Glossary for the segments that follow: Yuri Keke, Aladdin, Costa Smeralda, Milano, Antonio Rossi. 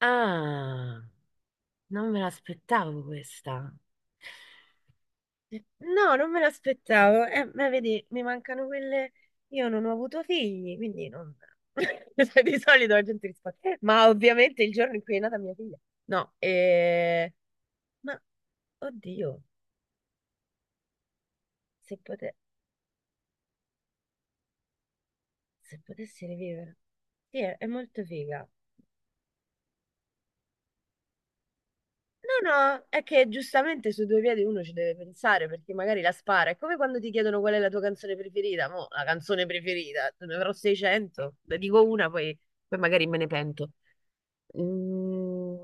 Ah, non me l'aspettavo questa. No, non me l'aspettavo. Ma vedi, mi mancano quelle. Io non ho avuto figli, quindi non. Cioè, di solito la gente risponde. Ma ovviamente il giorno in cui è nata mia figlia." No, ma oddio, se pote- se potessi rivivere. Sì, è molto figa. No, no, è che giustamente su due piedi uno ci deve pensare perché magari la spara. È come quando ti chiedono qual è la tua canzone preferita. Mo, la canzone preferita, te ne avrò 600, ne dico una, poi magari me ne pento. Mm,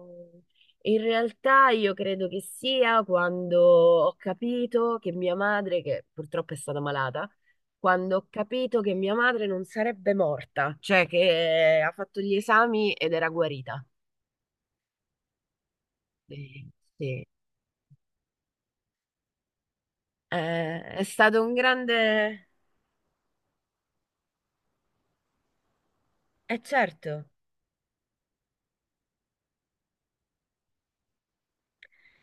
in realtà io credo che sia quando ho capito che mia madre, che purtroppo è stata malata, quando ho capito che mia madre non sarebbe morta, cioè che ha fatto gli esami ed era guarita. Eh, Sì. È stato un grande... Eh certo,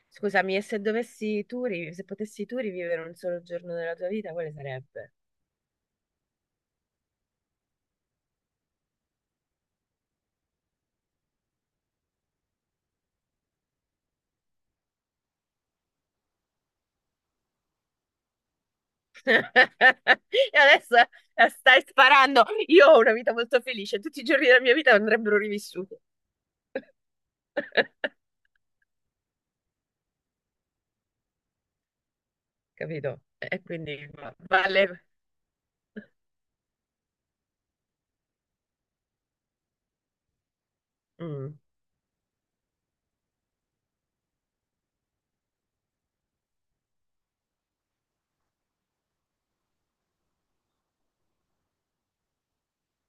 scusami, e se dovessi tu, se potessi tu rivivere un solo giorno della tua vita, quale sarebbe? E adesso stai sparando. Io ho una vita molto felice, tutti i giorni della mia vita andrebbero rivissuti. Capito? E quindi vale. Mm.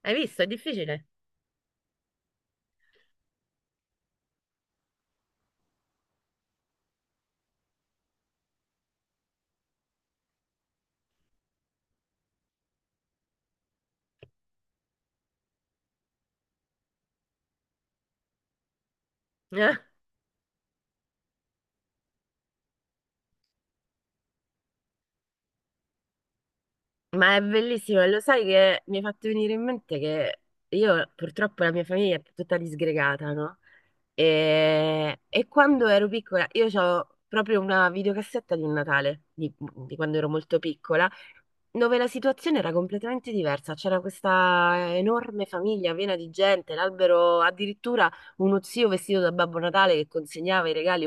Hai visto? È difficile. Eh? Ma è bellissimo, e lo sai che mi hai fatto venire in mente che io purtroppo la mia famiglia è tutta disgregata, no? E quando ero piccola, io ho proprio una videocassetta di un Natale, di quando ero molto piccola, dove la situazione era completamente diversa. C'era questa enorme famiglia piena di gente, l'albero, addirittura uno zio vestito da Babbo Natale che consegnava i regali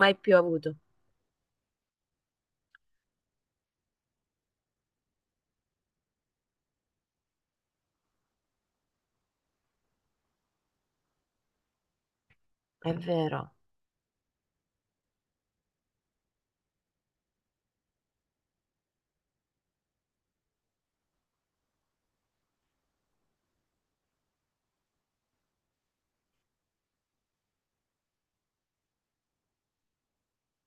mai più avuto. È vero.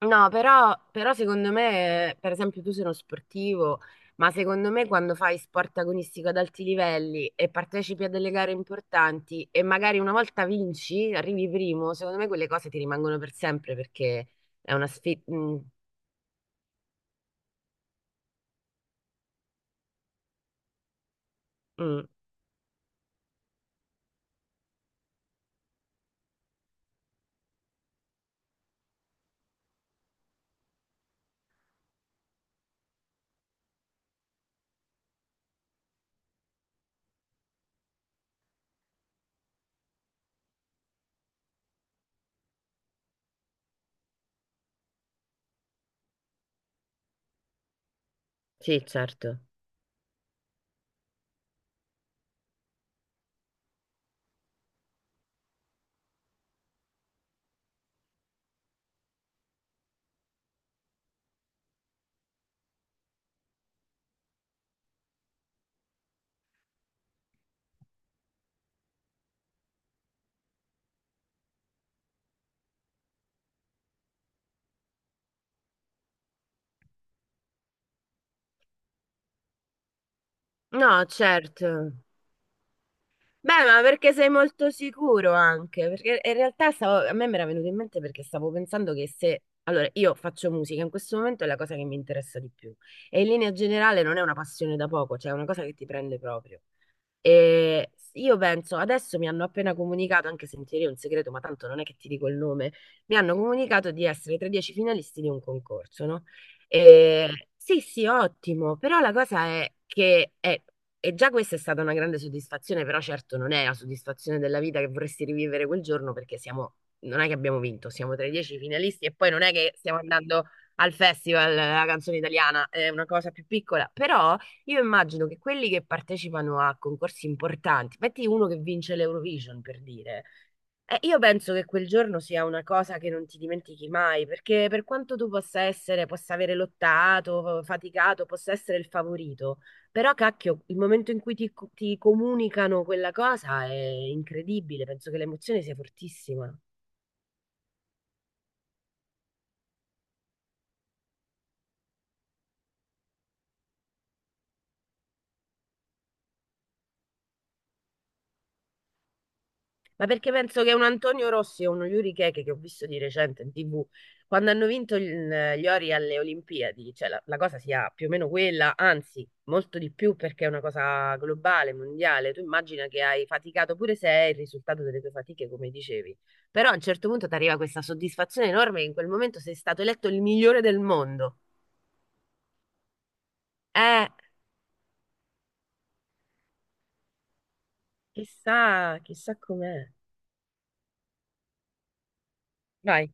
No, però secondo me, per esempio, tu sei uno sportivo, ma secondo me quando fai sport agonistico ad alti livelli e partecipi a delle gare importanti e magari una volta vinci, arrivi primo, secondo me quelle cose ti rimangono per sempre perché è una sfida. Sì, certo. No, certo. Beh, ma perché sei molto sicuro anche? Perché in realtà a me mi era venuto in mente perché stavo pensando che se... Allora, io faccio musica, in questo momento è la cosa che mi interessa di più. E in linea generale non è una passione da poco, cioè è una cosa che ti prende proprio. E io penso, adesso mi hanno appena comunicato, anche se in teoria è un segreto, ma tanto non è che ti dico il nome, mi hanno comunicato di essere tra i dieci finalisti di un concorso, no? E, sì, sì, ottimo, però la cosa è e già questa è stata una grande soddisfazione, però certo non è la soddisfazione della vita che vorresti rivivere quel giorno perché siamo, non è che abbiamo vinto, siamo tra i dieci finalisti e poi non è che stiamo andando al festival, la canzone italiana, è una cosa più piccola, però io immagino che quelli che partecipano a concorsi importanti, metti uno che vince l'Eurovision per dire, io penso che quel giorno sia una cosa che non ti dimentichi mai, perché per quanto tu possa essere, possa avere lottato, faticato, possa essere il favorito, però cacchio, il momento in cui ti comunicano quella cosa è incredibile, penso che l'emozione sia fortissima. Ma perché penso che un Antonio Rossi e uno Yuri Keke che ho visto di recente in TV, quando hanno vinto gli ori alle Olimpiadi, cioè la cosa sia più o meno quella, anzi, molto di più perché è una cosa globale, mondiale. Tu immagina che hai faticato pure se è il risultato delle tue fatiche, come dicevi. Però a un certo punto ti arriva questa soddisfazione enorme che in quel momento sei stato eletto il migliore del mondo. Eh, chissà, chissà com'è. Vai.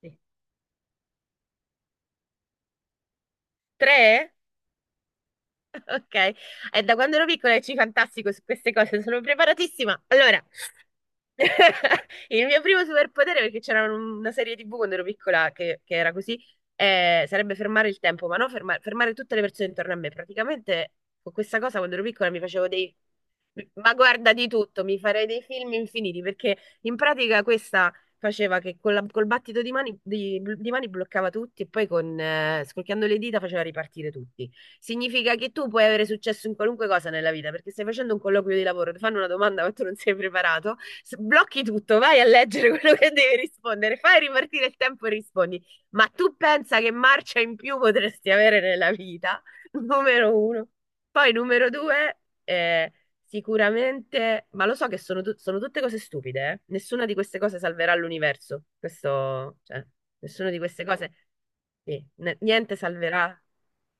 Sì. Tre? Ok, è da quando ero piccola che ci fantastico su queste cose, sono preparatissima. Allora, il mio primo superpotere, perché c'era una serie TV quando ero piccola che era così, sarebbe fermare il tempo, ma no, fermare tutte le persone intorno a me. Praticamente con questa cosa quando ero piccola mi facevo dei ma guarda di tutto, mi farei dei film infiniti perché in pratica questa faceva che con col battito di mani, di mani bloccava tutti e poi con, scorchiando le dita faceva ripartire tutti. Significa che tu puoi avere successo in qualunque cosa nella vita perché stai facendo un colloquio di lavoro, ti fanno una domanda ma tu non sei preparato, blocchi tutto, vai a leggere quello che devi rispondere, fai ripartire il tempo e rispondi. Ma tu pensa che marcia in più potresti avere nella vita? Numero uno. Poi numero due... eh, sicuramente, ma lo so che sono tutte cose stupide, eh. Nessuna di queste cose salverà l'universo. Questo, cioè, nessuna di queste cose, sì, niente salverà.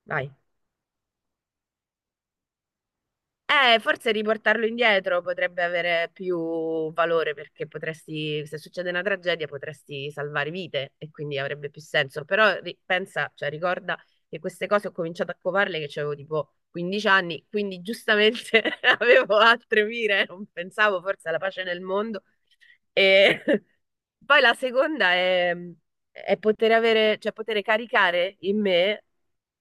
Vai. Forse riportarlo indietro potrebbe avere più valore perché potresti, se succede una tragedia, potresti salvare vite e quindi avrebbe più senso. Però pensa, cioè ricorda che queste cose ho cominciato a covarle che avevo tipo 15 anni, quindi giustamente avevo altre mire, non pensavo forse alla pace nel mondo e poi la seconda è poter avere, cioè poter caricare in me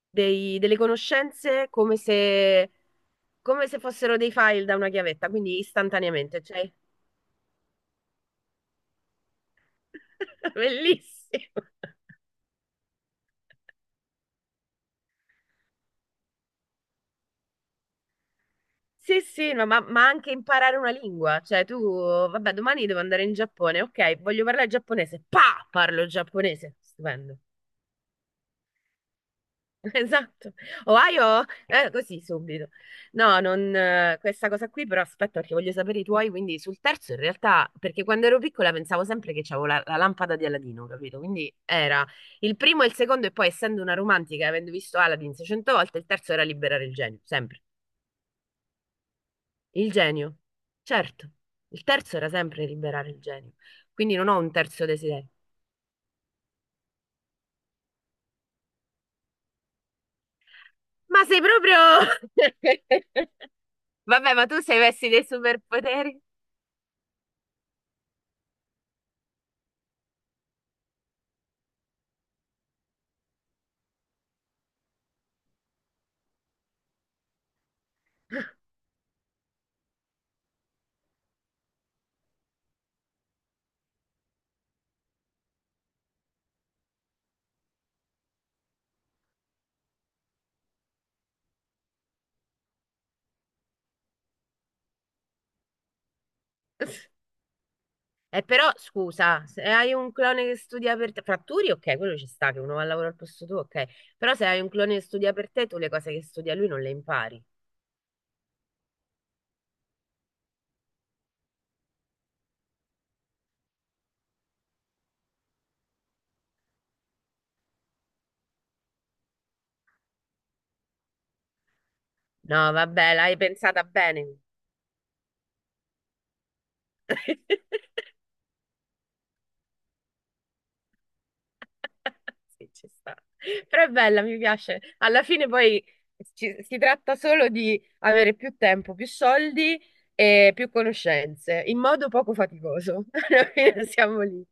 delle conoscenze come se fossero dei file da una chiavetta, quindi istantaneamente, cioè bellissimo. Sì, sì, no, ma anche imparare una lingua, cioè tu, vabbè, domani devo andare in Giappone, ok, voglio parlare giapponese, pa, parlo giapponese, stupendo. Esatto, Ohio? Così subito. No, non, questa cosa qui, però aspetta perché voglio sapere i tuoi, quindi sul terzo in realtà, perché quando ero piccola pensavo sempre che c'avevo la lampada di Aladino, capito? Quindi era il primo e il secondo e poi essendo una romantica, avendo visto Aladdin 600 volte, il terzo era liberare il genio, sempre. Il genio, certo, il terzo era sempre liberare il genio, quindi non ho un terzo desiderio. Ma sei proprio... Vabbè, ma tu sei messi dei superpoteri? Però scusa, se hai un clone che studia per te, fratturi, ok, quello ci sta, che uno va a lavorare al posto tuo, ok. Però se hai un clone che studia per te, tu le cose che studia lui non le impari. No, vabbè, l'hai pensata bene. Sì, ci sta. Però è bella, mi piace. Alla fine poi si tratta solo di avere più tempo, più soldi e più conoscenze, in modo poco faticoso. Alla fine siamo lì.